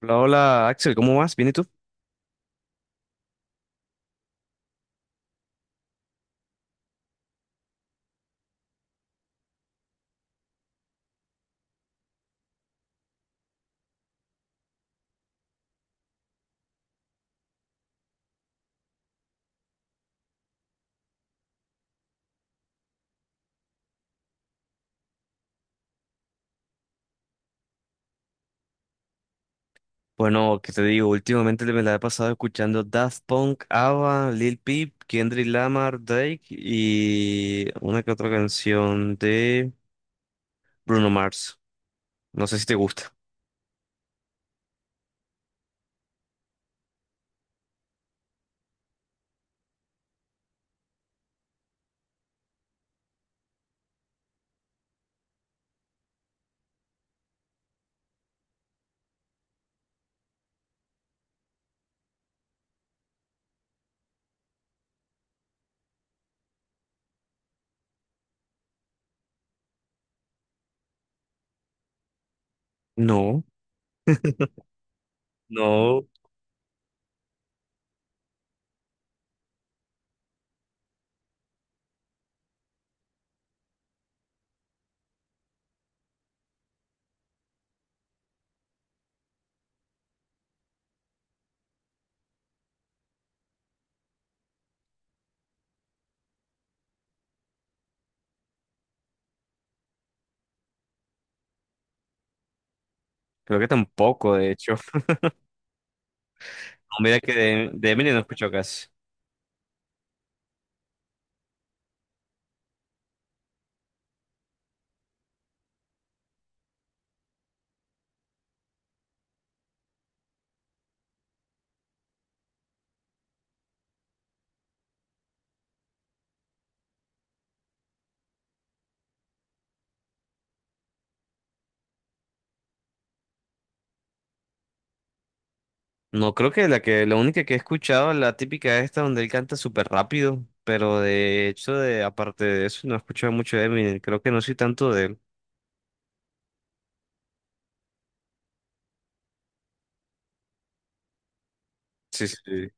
Hola, hola Axel, ¿cómo vas? ¿Bien y tú? Bueno, ¿qué te digo? Últimamente me la he pasado escuchando Daft Punk, ABBA, Lil Peep, Kendrick Lamar, Drake y una que otra canción de Bruno Mars. No sé si te gusta. No, no, creo que tampoco, de hecho. No, mira que de Eminem no escucho casi. No, creo que la única que he escuchado es la típica esta donde él canta súper rápido, pero de hecho, de aparte de eso, no he escuchado mucho de Eminem. Creo que no soy tanto de él. Sí, sí, sí.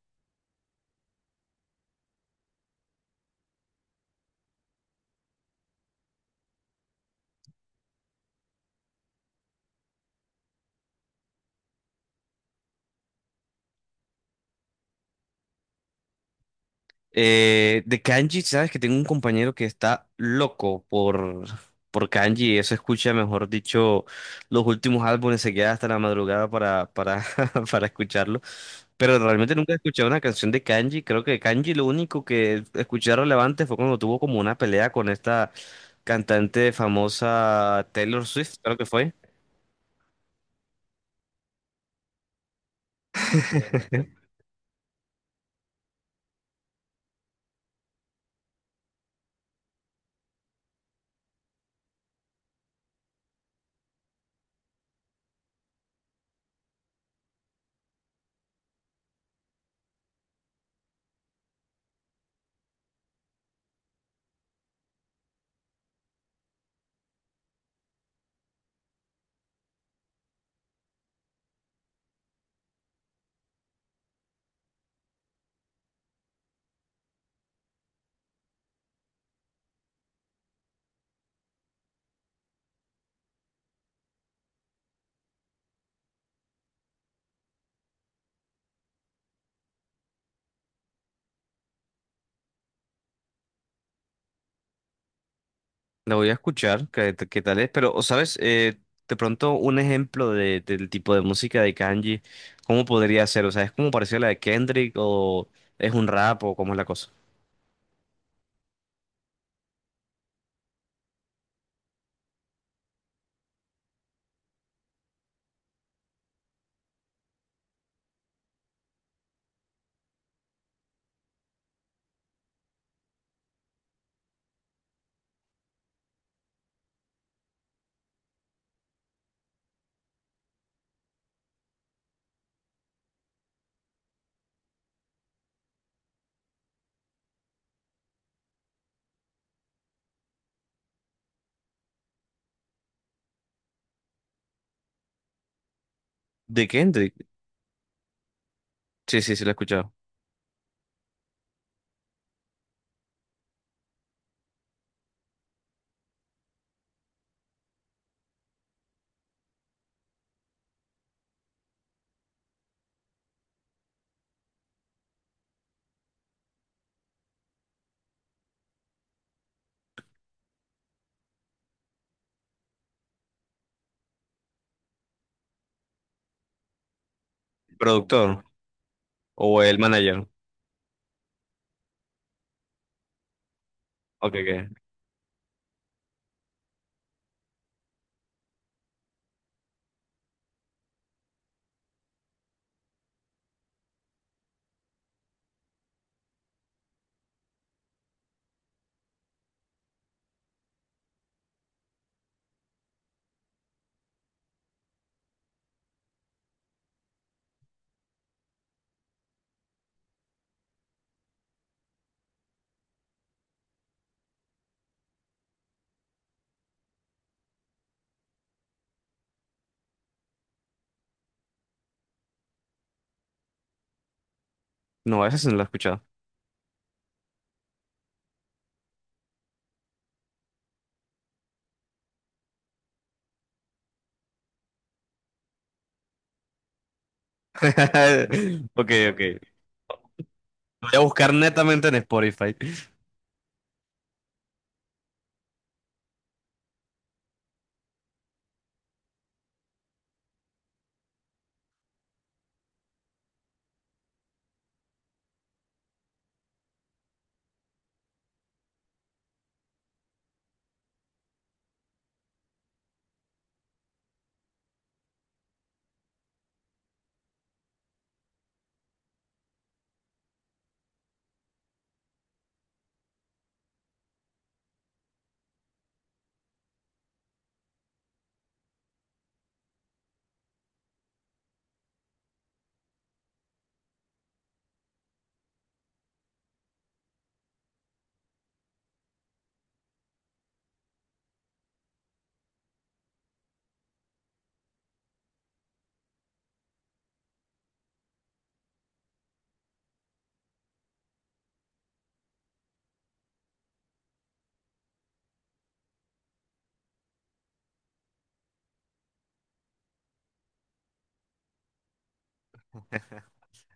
De kanji, sabes que tengo un compañero que está loco por kanji, eso escucha, mejor dicho, los últimos álbumes, se queda hasta la madrugada para para escucharlo, pero realmente nunca he escuchado una canción de kanji. Creo que kanji lo único que escuché relevante fue cuando tuvo como una pelea con esta cantante famosa Taylor Swift, creo que fue. La voy a escuchar, qué, qué tal es, pero, o ¿sabes? De pronto un ejemplo del tipo de música de Kanji, ¿cómo podría ser? O sea, ¿es como parecida a la de Kendrick o es un rap o cómo es la cosa? ¿De Kendrick? Sí, sí, sí, lo he escuchado. ¿Productor o el manager? Ok, ok. No, esa sí no la he escuchado. Ok, ok. Lo voy a buscar netamente en Spotify.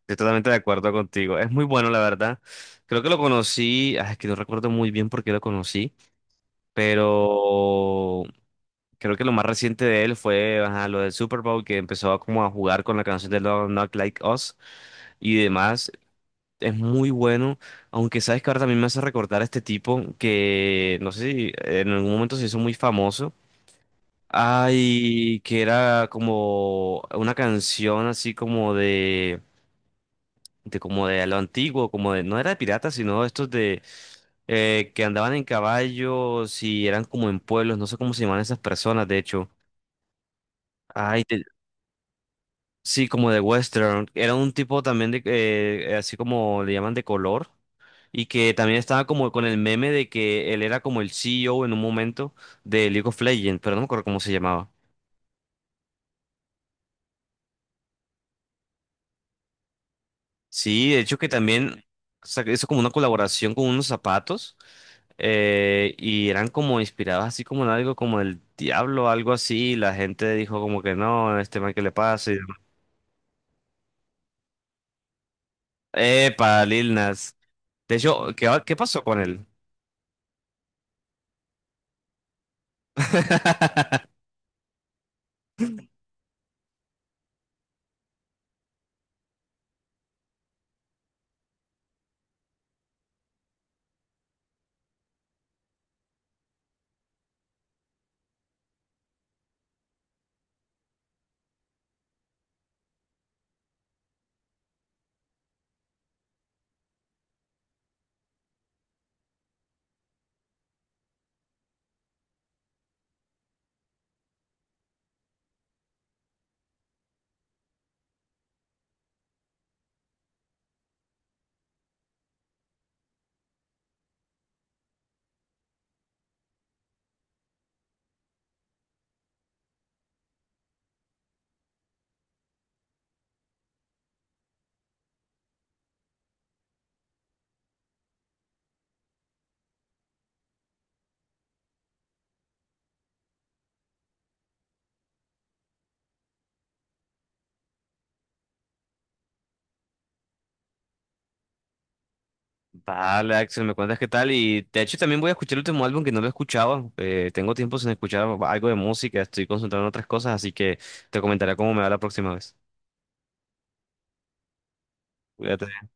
Estoy totalmente de acuerdo contigo. Es muy bueno, la verdad. Creo que lo conocí, ah, es que no recuerdo muy bien por qué lo conocí, pero... Creo que lo más reciente de él fue ajá, lo del Super Bowl, que empezó a como a jugar con la canción de Love Not Like Us y demás. Es muy bueno, aunque sabes que ahora también me hace recordar a este tipo que no sé si en algún momento se hizo muy famoso. Ay, que era como una canción así como de como de lo antiguo, como de, no era de piratas, sino estos de que andaban en caballos y eran como en pueblos, no sé cómo se llaman esas personas, de hecho. Ay, sí, como de western. Era un tipo también de, así como le llaman de color. Y que también estaba como con el meme de que él era como el C. E. O. en un momento de League of Legends, pero no me acuerdo cómo se llamaba. Sí, de hecho que también hizo como una colaboración con unos zapatos y eran como inspirados así como en algo como el diablo, algo así. Y la gente dijo como que no, este man que le pasa. Y demás. Epa, Lil Nas. De hecho, ¿qué, qué pasó con él? Vale, Axel, me cuentas qué tal. Y de hecho también voy a escuchar el último álbum que no lo escuchaba. Tengo tiempo sin escuchar algo de música, estoy concentrado en otras cosas, así que te comentaré cómo me va la próxima vez. Cuídate.